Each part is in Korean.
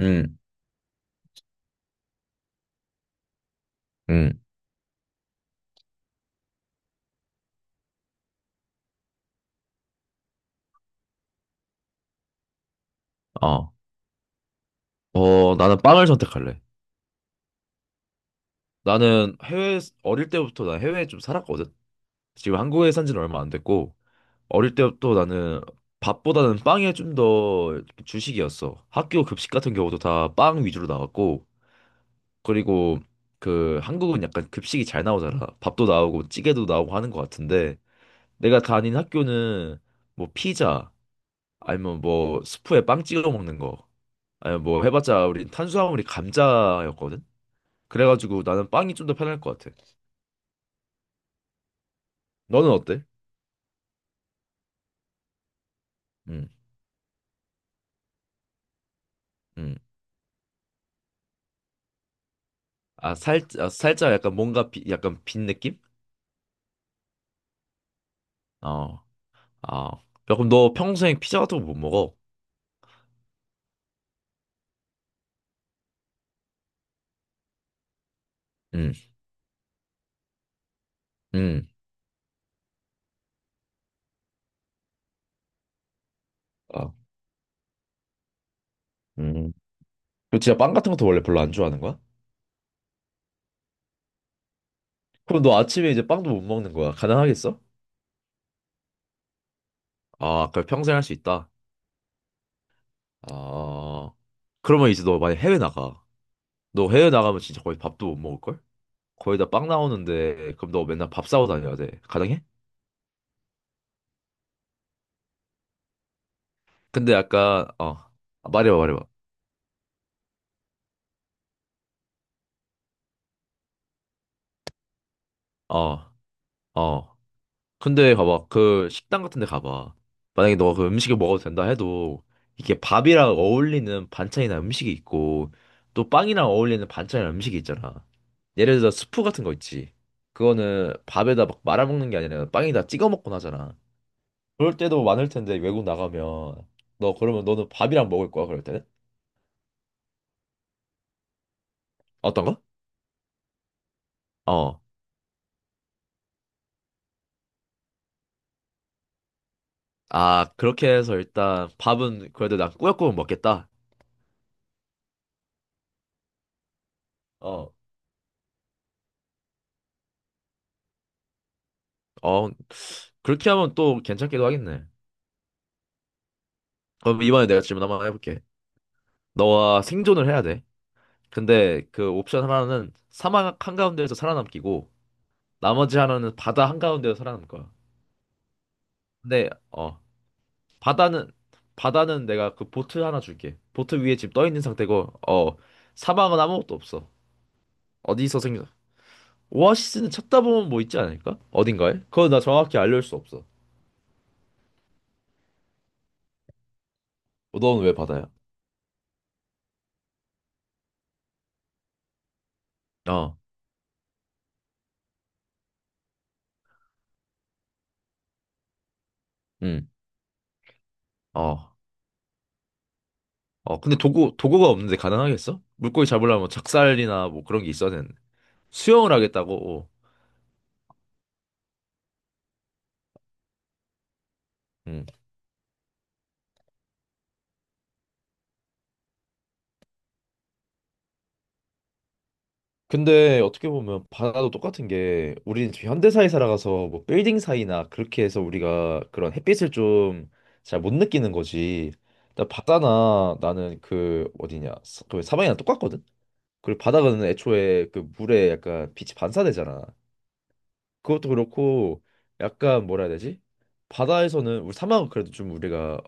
응, 응, 어. 나는 빵을 선택할래. 나는 어릴 때부터 난 해외에 좀 살았거든. 지금 한국에 산 지는 얼마 안 됐고, 어릴 때부터 나는 밥보다는 빵에 좀 더 주식이었어. 학교 급식 같은 경우도 다 빵 위주로 나왔고, 그리고 그 한국은 약간 급식이 잘 나오잖아. 밥도 나오고 찌개도 나오고 하는 것 같은데, 내가 다닌 학교는 뭐 피자, 아니면 뭐 스프에 빵 찍어 먹는 거, 아니면 뭐 해봤자 우리 탄수화물이 감자였거든. 그래가지고 나는 빵이 좀 더 편할 것 같아. 너는 어때? 음, 음. 살짝 약간 뭔가 약간 빈 느낌? 어, 아. 야, 그럼 너 평생 피자 같은 거 못 먹어? 음, 음. 아, 음. 너 진짜 빵 같은 것도 원래 별로 안 좋아하는 거야? 그럼 너 아침에 이제 빵도 못 먹는 거야. 가능하겠어? 아, 그럼 평생 할 수 있다. 아, 그러면 이제 너 만약 해외 나가. 너 해외 나가면 진짜 거의 밥도 못 먹을걸? 거의 다 빵 나오는데, 그럼 너 맨날 밥 싸고 다녀야 돼. 가능해? 근데 약간, 어, 아, 말해봐, 말해봐. 어, 어. 근데 봐봐. 그 식당 같은 데 가봐. 만약에 너가 그 음식을 먹어도 된다 해도 이게 밥이랑 어울리는 반찬이나 음식이 있고 또 빵이랑 어울리는 반찬이나 음식이 있잖아. 예를 들어 스프 같은 거 있지. 그거는 밥에다 막 말아먹는 게 아니라 빵에다 찍어 먹곤 하잖아. 그럴 때도 많을 텐데 외국 나가면 너 그러면 너는 밥이랑 먹을 거야 그럴 때는? 어떤 거? 어. 아, 그렇게 해서 일단 밥은 그래도 난 꾸역꾸역 먹겠다. 어. 어, 그렇게 하면 또 괜찮기도 하겠네. 그럼 이번에 내가 질문 한번 해볼게. 너와 생존을 해야 돼. 근데 그 옵션 하나는 사막 한가운데에서 살아남기고, 나머지 하나는 바다 한가운데에서 살아남을 거야. 근데, 어, 바다는, 바다는 내가 그 보트 하나 줄게. 보트 위에 지금 떠 있는 상태고, 어, 사막은 아무것도 없어. 어디서 생겨? 오아시스는 찾다 보면 뭐 있지 않을까? 어딘가에? 그건 나 정확히 알려줄 수 없어. 너는 왜 바다야? 어, 응, 어. 어, 근데 도구가 없는데 가능하겠어? 물고기 잡으려면 작살이나 뭐 그런 게 있어야 되는데. 수영을 하겠다고. 음. 근데 어떻게 보면 바다도 똑같은 게 우리는 지금 현대사에 살아가서 뭐 빌딩 사이나 그렇게 해서 우리가 그런 햇빛을 좀 잘 못 느끼는 거지. 나 바다나 나는 그 어디냐 그 사방이랑 똑같거든. 그리고 바다는 애초에 그 물에 약간 빛이 반사되잖아. 그것도 그렇고 약간 뭐라 해야 되지? 바다에서는 우리 사막은 그래도 좀 우리가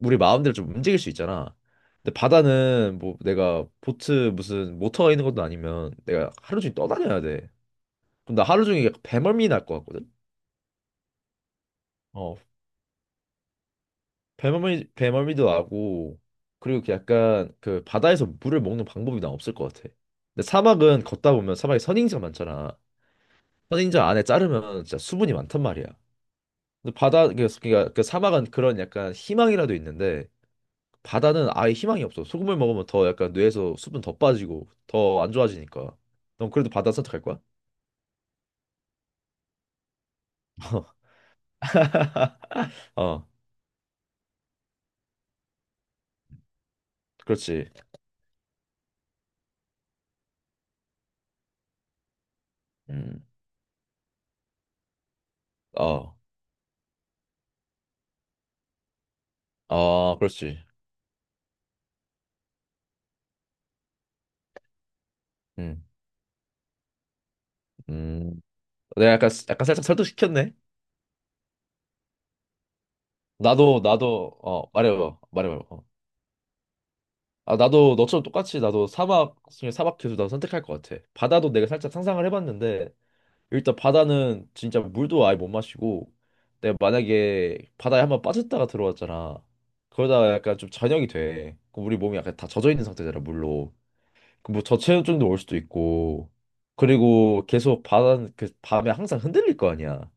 우리 마음대로 좀 움직일 수 있잖아. 근데 바다는 뭐 내가 보트 무슨 모터가 있는 것도 아니면 내가 하루 종일 떠다녀야 돼. 그럼 나 하루 종일 약간 배멀미 날 것 같거든. 어, 배멀미도 나고 그리고 그 약간 그 바다에서 물을 먹는 방법이 난 없을 것 같아. 근데 사막은 걷다 보면 사막에 선인장 많잖아. 선인장 안에 자르면 진짜 수분이 많단 말이야. 근데 바다 그러니까 사막은 그런 약간 희망이라도 있는데 바다는 아예 희망이 없어. 소금을 먹으면 더 약간 뇌에서 수분 더 빠지고 더 안 좋아지니까. 넌 그래도 바다 선택할 거야? 어, 그렇지. 음, 어, 어, 그렇지. 음, 음. 내가 약간 약간 살짝 설득시켰네. 나도 어 말해봐 말해봐. 어. 아 나도 너처럼 똑같이 나도 사막 계속 나도 선택할 것 같아. 바다도 내가 살짝 상상을 해봤는데 일단 바다는 진짜 물도 아예 못 마시고 내가 만약에 바다에 한 번 빠졌다가 들어왔잖아. 그러다가 약간 좀 저녁이 돼 그럼 우리 몸이 약간 다 젖어 있는 상태잖아 물로. 그뭐 저체온증도 올 수도 있고 그리고 계속 바다는 그 밤에 항상 흔들릴 거 아니야.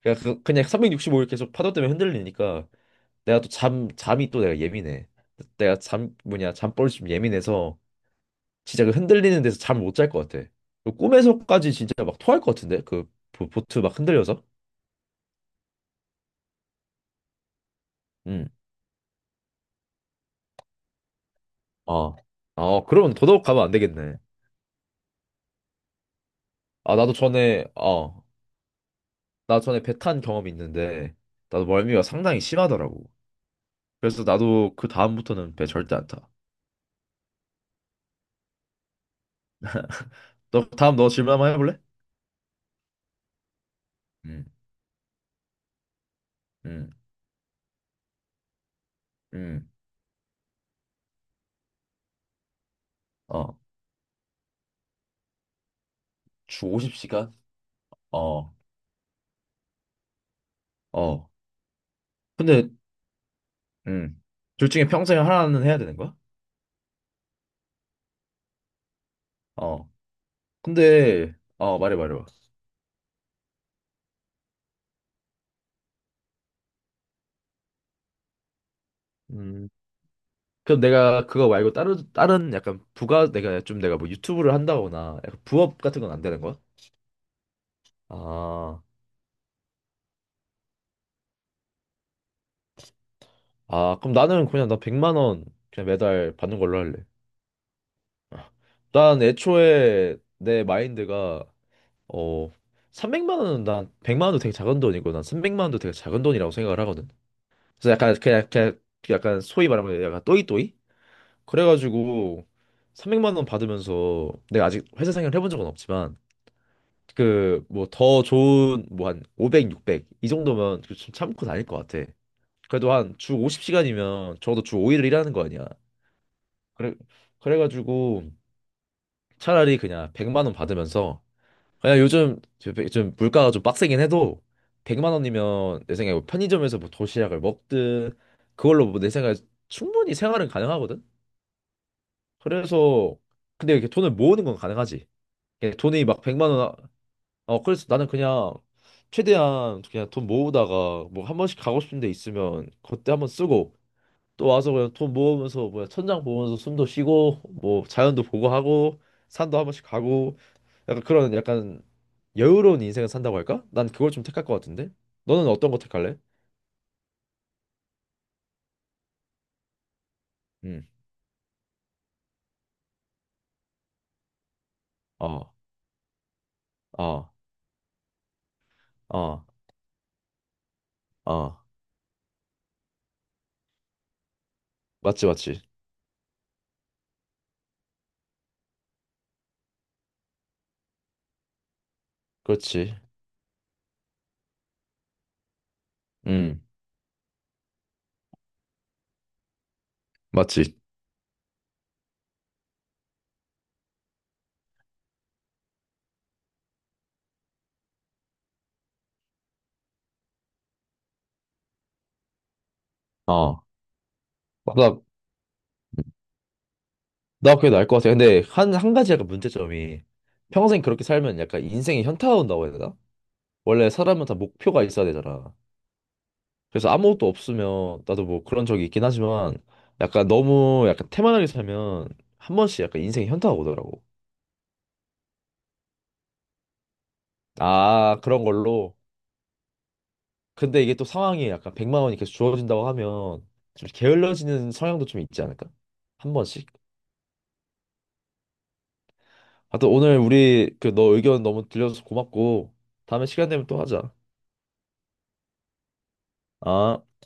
그냥 365일 계속 파도 때문에 흔들리니까 내가 또 잠 잠이 또 내가 예민해. 내가 잠 뭐냐 잠버릇이 좀 예민해서 진짜 그 흔들리는 데서 잠을 못 잘 것 같아. 그 꿈에서까지 진짜 막 토할 것 같은데? 그 보트 막 흔들려서? 응. 어. 어, 그러면 더더욱 가면 안 되겠네. 아, 나도 전에, 어, 나 전에 배 탄 경험이 있는데, 나도 멀미가 상당히 심하더라고. 그래서 나도 그 다음부터는 배 절대 안 타. 너, 다음 너 질문 한번 해볼래? 응, 응, 응. 어, 주 50시간? 어, 어. 근데, 음, 둘 중에 평생 하나는 해야 되는 거야? 어. 근데, 어, 말해, 말해봐. 음. 그럼 내가 그거 말고 다른 약간 부가 내가 좀 내가 뭐 유튜브를 한다거나 약간 부업 같은 건 안 되는 거야? 아, 아 그럼 나는 그냥 나 100만 원 그냥 매달 받는 걸로 할래. 아, 난 애초에 내 마인드가 어 300만 원은 난 100만 원도 되게 작은 돈이고 난 300만 원도 되게 작은 돈이라고 생각을 하거든. 그래서 약간 그냥 약간 소위 말하면 약간 또이또이? 그래가지고 300만 원 받으면서 내가 아직 회사 생활을 해본 적은 없지만 그 뭐 더 좋은 뭐 한 500, 600 이 정도면 그 좀 참고 다닐 것 같아. 그래도 한 주 50시간이면 적어도 주 5일을 일하는 거 아니야. 그래 그래가지고 차라리 그냥 100만 원 받으면서 그냥 요즘 좀 물가가 좀 빡세긴 해도 100만 원이면 내 생각에 뭐 편의점에서 뭐 도시락을 먹든 그걸로 뭐 내 생각에 충분히 생활은 가능하거든. 그래서 근데 이렇게 돈을 모으는 건 가능하지. 이게 돈이 막 100만 원 어, 그래서 나는 그냥 최대한 그냥 돈 모으다가 뭐 한 번씩 가고 싶은 데 있으면 그때 한번 쓰고 또 와서 그냥 돈 모으면서 뭐 천장 보면서 숨도 쉬고 뭐 자연도 보고 하고 산도 한 번씩 가고 약간 그런 약간 여유로운 인생을 산다고 할까? 난 그걸 좀 택할 것 같은데. 너는 어떤 거 택할래? 음. 어. 어. 어. 어. 맞지. 그렇지. 음. 맞지. 어. 맞아. 나 그게 나을 것 같아. 근데 한 가지 약간 문제점이 평생 그렇게 살면 약간 인생이 현타가 온다고 해야 되나? 원래 사람은 다 목표가 있어야 되잖아. 그래서 아무것도 없으면 나도 뭐 그런 적이 있긴 하지만 약간 너무 약간 태만하게 살면 한 번씩 약간 인생이 현타가 오더라고. 아, 그런 걸로. 근데 이게 또 상황이 약간 백만 원이 계속 주어진다고 하면 좀 게을러지는 성향도 좀 있지 않을까? 한 번씩. 하여튼 오늘 우리 그 너 의견 너무 들려줘서 고맙고 다음에 시간 되면 또 하자. 아.